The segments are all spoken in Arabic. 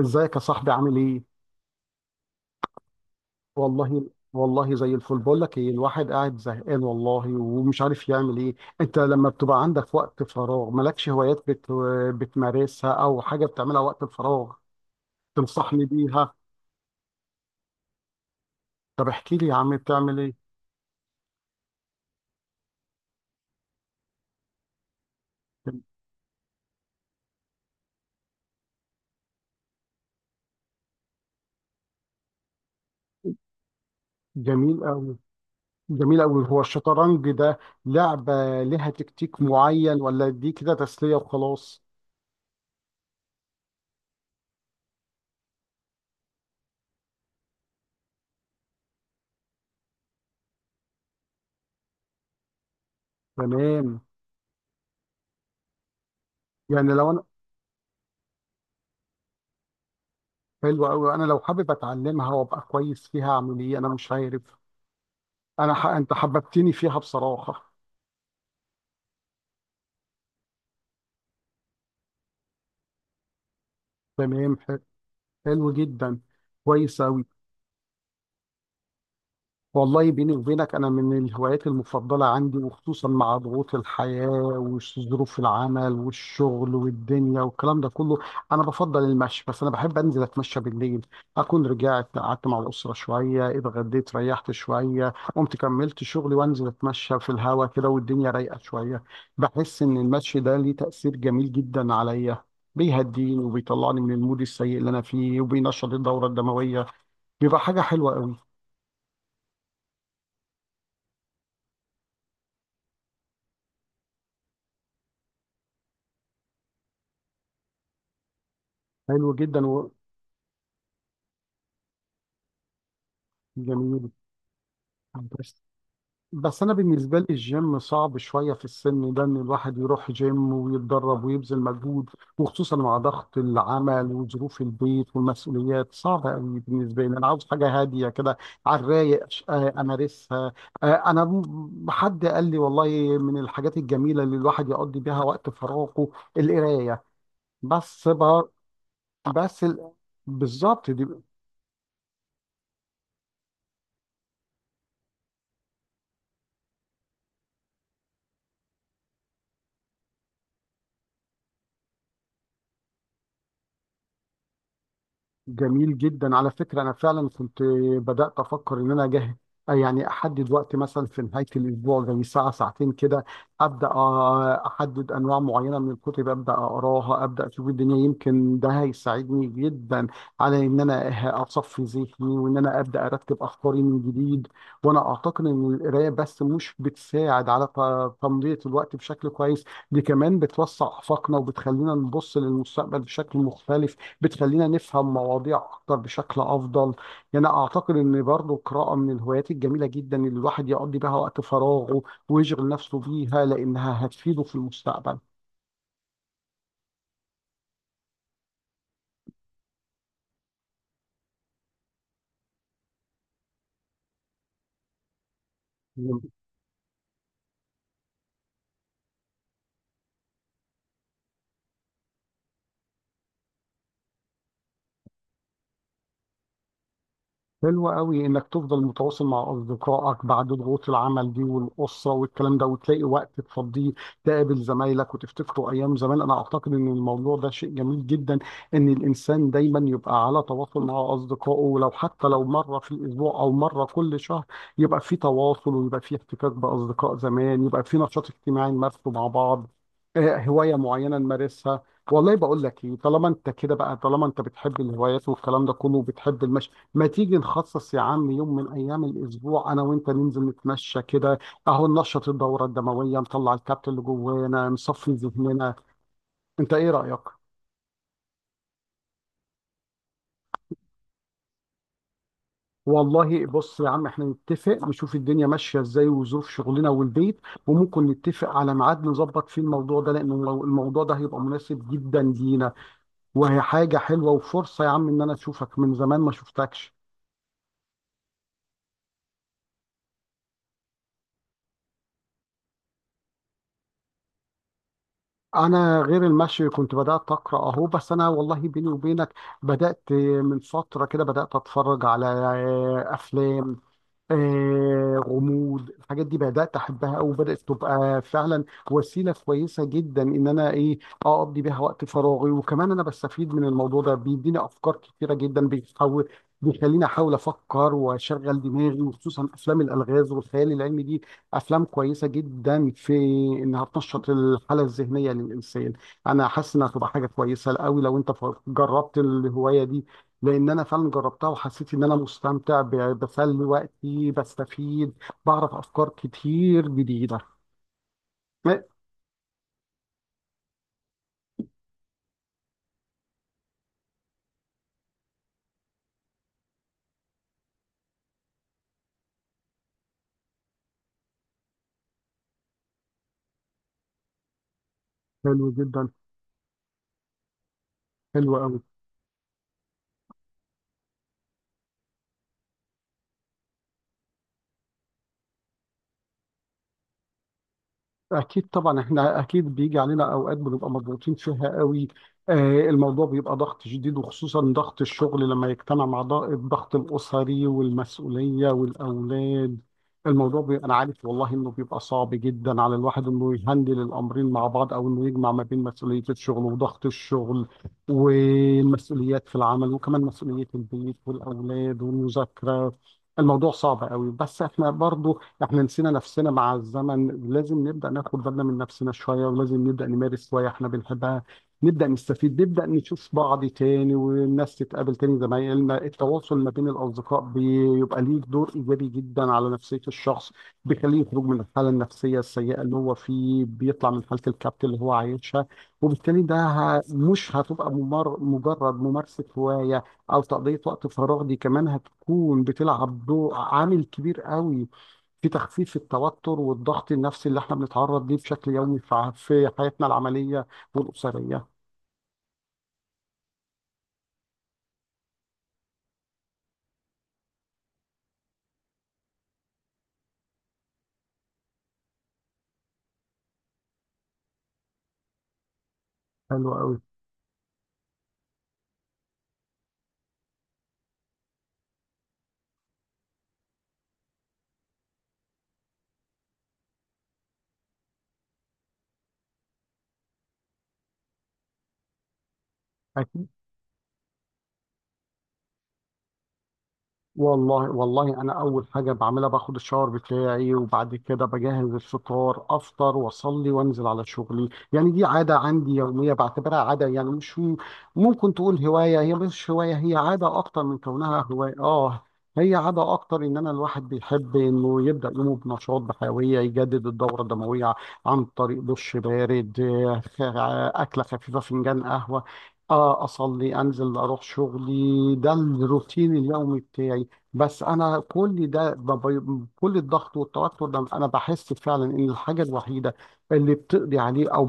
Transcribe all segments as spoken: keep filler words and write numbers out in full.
ازيك يا صاحبي؟ عامل ايه؟ والله والله زي الفل. بقول لك ايه، الواحد قاعد زهقان والله ومش عارف يعمل ايه. انت لما بتبقى عندك وقت فراغ، مالكش هوايات بت... بتمارسها او حاجة بتعملها وقت الفراغ تنصحني بيها؟ طب احكي لي يا عم، بتعمل ايه؟ جميل قوي. جميل قوي. هو الشطرنج ده لعبة لها تكتيك معين، ولا دي كده تسلية وخلاص؟ تمام. يعني لو انا. حلو قوي، انا لو حابب اتعلمها وابقى كويس فيها اعمل ايه؟ انا مش عارف. انا ح... انت حببتني فيها بصراحه. تمام ح- حلو جدا. كويس اوي. والله بيني وبينك، أنا من الهوايات المفضلة عندي، وخصوصا مع ضغوط الحياة وظروف العمل والشغل والدنيا والكلام ده كله، أنا بفضل المشي. بس أنا بحب أنزل أتمشى بالليل، أكون رجعت قعدت مع الأسرة شوية، اتغديت، ريحت شوية، قمت كملت شغلي، وأنزل أتمشى في الهواء كده والدنيا رايقة شوية. بحس إن المشي ده ليه تأثير جميل جدا عليا، بيهديني وبيطلعني من المود السيء اللي أنا فيه وبينشط الدورة الدموية. بيبقى حاجة حلوة قوي. حلو جدا. جميل. بس بس انا بالنسبه لي الجيم صعب شويه في السن ده، ان الواحد يروح جيم ويتدرب ويبذل مجهود، وخصوصا مع ضغط العمل وظروف البيت والمسؤوليات، صعبه قوي بالنسبه لي. انا عاوز حاجه هاديه كده على الرايق ش- آه، امارسها. آه، انا م- حد قال لي والله من الحاجات الجميله اللي الواحد يقضي بيها وقت فراغه: القرايه. بس بر... بس ال... بالظبط. جميل جدا. على فكرة أنا فعلا كنت بدأت أفكر إن أنا أجهز، يعني أحدد وقت مثلا في نهاية الأسبوع، زي ساعة ساعتين كده، أبدأ، آه، أحدد أنواع معينة من الكتب، أبدأ أقراها، أبدأ أشوف الدنيا، يمكن ده هيساعدني جدا على إن أنا ه- أصفي ذهني، وإن أنا أبدأ أرتب أفكاري من جديد. وأنا أعتقد إن القراية بس مش بتساعد على ت- تمضية الوقت بشكل كويس، دي كمان بتوسع آفاقنا وبتخلينا نبص للمستقبل بشكل مختلف، بتخلينا نفهم مواضيع اكتر بشكل افضل. يعني اعتقد ان برضو القراءه من الهوايات الجميله جدا اللي الواحد يقضي بها وقت فراغه ويشغل نفسه بيها، لانها هتفيده في المستقبل. حلو قوي انك تفضل متواصل مع اصدقائك بعد ضغوط العمل دي والاسره والكلام ده، وتلاقي وقت تفضيه تقابل زمايلك وتفتكروا ايام زمان. انا اعتقد ان الموضوع ده شيء جميل جدا، ان الانسان دايما يبقى على تواصل مع اصدقائه، ولو حتى لو مره في الاسبوع او مره كل شهر يبقى في تواصل، ويبقى في احتكاك باصدقاء زمان، يبقى في نشاط اجتماعي نمارسه مع بعض، آه، هوايه معينه نمارسها. والله بقول لك ايه، طالما انت كده بقى، طالما انت بتحب الهوايات والكلام ده كله وبتحب المشي، ما تيجي نخصص يا عم يوم من ايام الاسبوع انا وانت ننزل نتمشى كده، اهو ننشط الدوره الدمويه، نطلع الكبت اللي جوانا، نصفي ذهننا. انت ايه رايك؟ والله بص يا عم، احنا نتفق نشوف الدنيا ماشيه ازاي وظروف شغلنا والبيت، وممكن نتفق على ميعاد نظبط فيه الموضوع ده، لان المو- الموضوع ده هيبقى مناسب جدا لينا، وهي حاجه حلوه وفرصه يا عم ان انا اشوفك من زمان ما شفتكش. انا غير المشي كنت بدات اقرا اهو، بس انا والله بيني وبينك بدات من فتره كده بدات اتفرج على افلام، آه، غموض، الحاجات دي بدأت أحبها أو بدأت تبقى فعلا وسيلة كويسة جدا إن أنا إيه أقضي بيها وقت فراغي. وكمان أنا بستفيد من الموضوع ده، بيديني أفكار كتيرة جدا، بيحاول بيخليني أحاول أفكر وأشغل دماغي، وخصوصا أفلام الألغاز والخيال العلمي دي أفلام كويسة جدا في إنها تنشط الحالة الذهنية للإنسان. أنا حاسس إنها هتبقى حاجة كويسة أوي لو أنت ف- جربت الهواية دي، لان انا فعلا جربتها وحسيت ان انا مستمتع، ب- بسلي وقتي بستفيد، بعرف افكار كتير جديده. حلو جدا. حلو قوي. أكيد طبعا إحنا أكيد بيجي علينا أوقات بنبقى مضغوطين فيها قوي. آه، الموضوع بيبقى ضغط شديد، وخصوصا ضغط الشغل لما يجتمع مع ض- الضغط الأسري والمسؤولية والأولاد، الموضوع بيبقى، أنا عارف والله إنه بيبقى صعب جدا على الواحد إنه يهندل الأمرين مع بعض، أو إنه يجمع ما بين مسؤولية الشغل وضغط الشغل والمسؤوليات في العمل، وكمان مسؤولية البيت والأولاد والمذاكرة. الموضوع صعب قوي، بس إحنا برضو احنا نسينا نفسنا مع الزمن، لازم نبدأ ناخد بالنا من نفسنا شوية، ولازم نبدأ نمارس هواية احنا بنحبها، نبدأ نستفيد، نبدأ نشوف بعض تاني، والناس تتقابل تاني، زمايلنا. التواصل ما بين الأصدقاء بيبقى ليه دور إيجابي جدا على نفسية الشخص، بيخليه يخرج من الحالة النفسية السيئة اللي هو فيه، بيطلع من حالة الكبت اللي هو عايشها. وبالتالي ده ه- مش هتبقى ممر... مجرد ممارسة هواية أو تقضية وقت فراغ، دي كمان هتكون بتلعب دور عامل كبير قوي في تخفيف في التوتر والضغط النفسي اللي احنا بنتعرض ليه بشكل يومي في في حياتنا العملية والأسرية. حلو قوي. والله والله انا اول حاجه بعملها باخد الشاور بتاعي، وبعد كده بجهز الفطار، افطر، واصلي، وانزل على شغلي. يعني دي عاده عندي يوميه، بعتبرها عاده يعني، مش ممكن تقول هوايه، هي مش هوايه، هي عاده اكتر من كونها هوايه. اه، هي عاده اكتر ان انا، الواحد بيحب انه يبدا يومه بنشاط، بحيويه، يجدد الدوره الدمويه عن طريق دش بارد، آه، اكله خفيفه، فنجان قهوه، آه أصلي أنزل أروح شغلي. ده الروتين اليومي بتاعي. بس انا كل ده، بب- كل الضغط والتوتر ده انا بحس فعلا ان الحاجه الوحيده اللي بتقضي عليه، او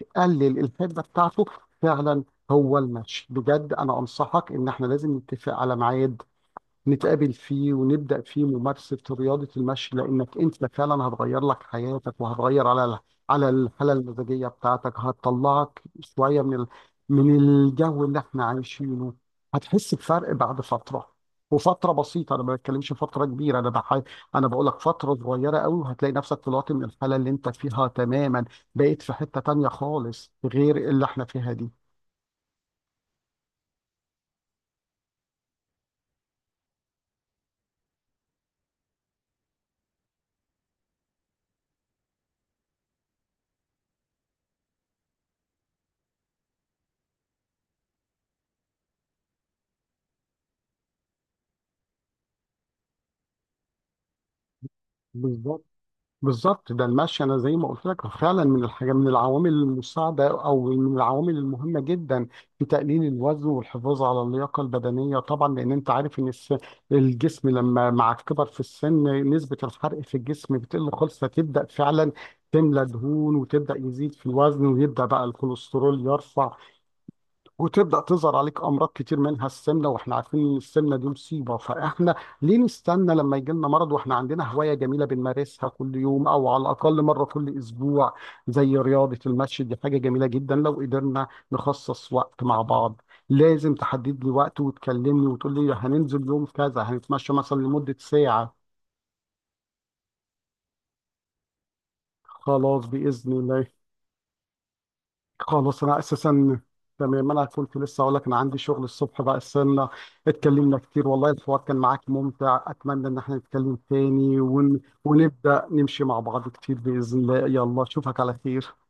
بتقلل الحده بتاعته فعلا، هو المشي بجد. انا انصحك ان احنا لازم نتفق على ميعاد نتقابل فيه، ونبدأ فيه ممارسة رياضة المشي، لأنك أنت فعلا هتغير لك حياتك، وهتغير على ال- على الحالة المزاجية بتاعتك، هتطلعك شوية من ال... من الجو اللي احنا عايشينه، هتحس بفرق بعد فترة، وفترة بسيطة، أنا ما بتكلمش فترة كبيرة، أنا بح... أنا بقول لك فترة صغيرة قوي، وهتلاقي نفسك طلعت من الحالة اللي أنت فيها تماما، بقيت في حتة تانية خالص غير اللي احنا فيها دي. بالظبط. بالظبط ده المشي، انا زي ما قلت لك فعلا من الحاجه، من العوامل المساعده، او من العوامل المهمه جدا في تقليل الوزن والحفاظ على اللياقه البدنيه، طبعا لان انت عارف ان الس- الجسم، لما مع الكبر في السن نسبه الحرق في الجسم بتقل خالص، فتبدا فعلا تملى دهون، وتبدا يزيد في الوزن، ويبدا بقى الكوليسترول يرفع، وتبدأ تظهر عليك أمراض كتير منها السمنة. وإحنا عارفين إن السمنة دي مصيبة، فإحنا ليه نستنى لما يجي لنا مرض وإحنا عندنا هواية جميلة بنمارسها كل يوم أو على الأقل مرة كل أسبوع، زي رياضة المشي دي حاجة جميلة جدا لو قدرنا نخصص وقت مع بعض. لازم تحدد لي وقت وتكلمني وتقول لي هننزل يوم كذا، هنتمشى مثلا لمدة ساعة. خلاص بإذن الله. خلاص انا اساسا. تمام انا كنت لسه اقول لك، انا عندي شغل الصبح بقى، استنى. اتكلمنا كتير والله، الحوار كان معاك ممتع، اتمنى ان احنا نتكلم تاني ون... ونبدأ نمشي مع بعض كتير بإذن الله. يلا اشوفك على خير.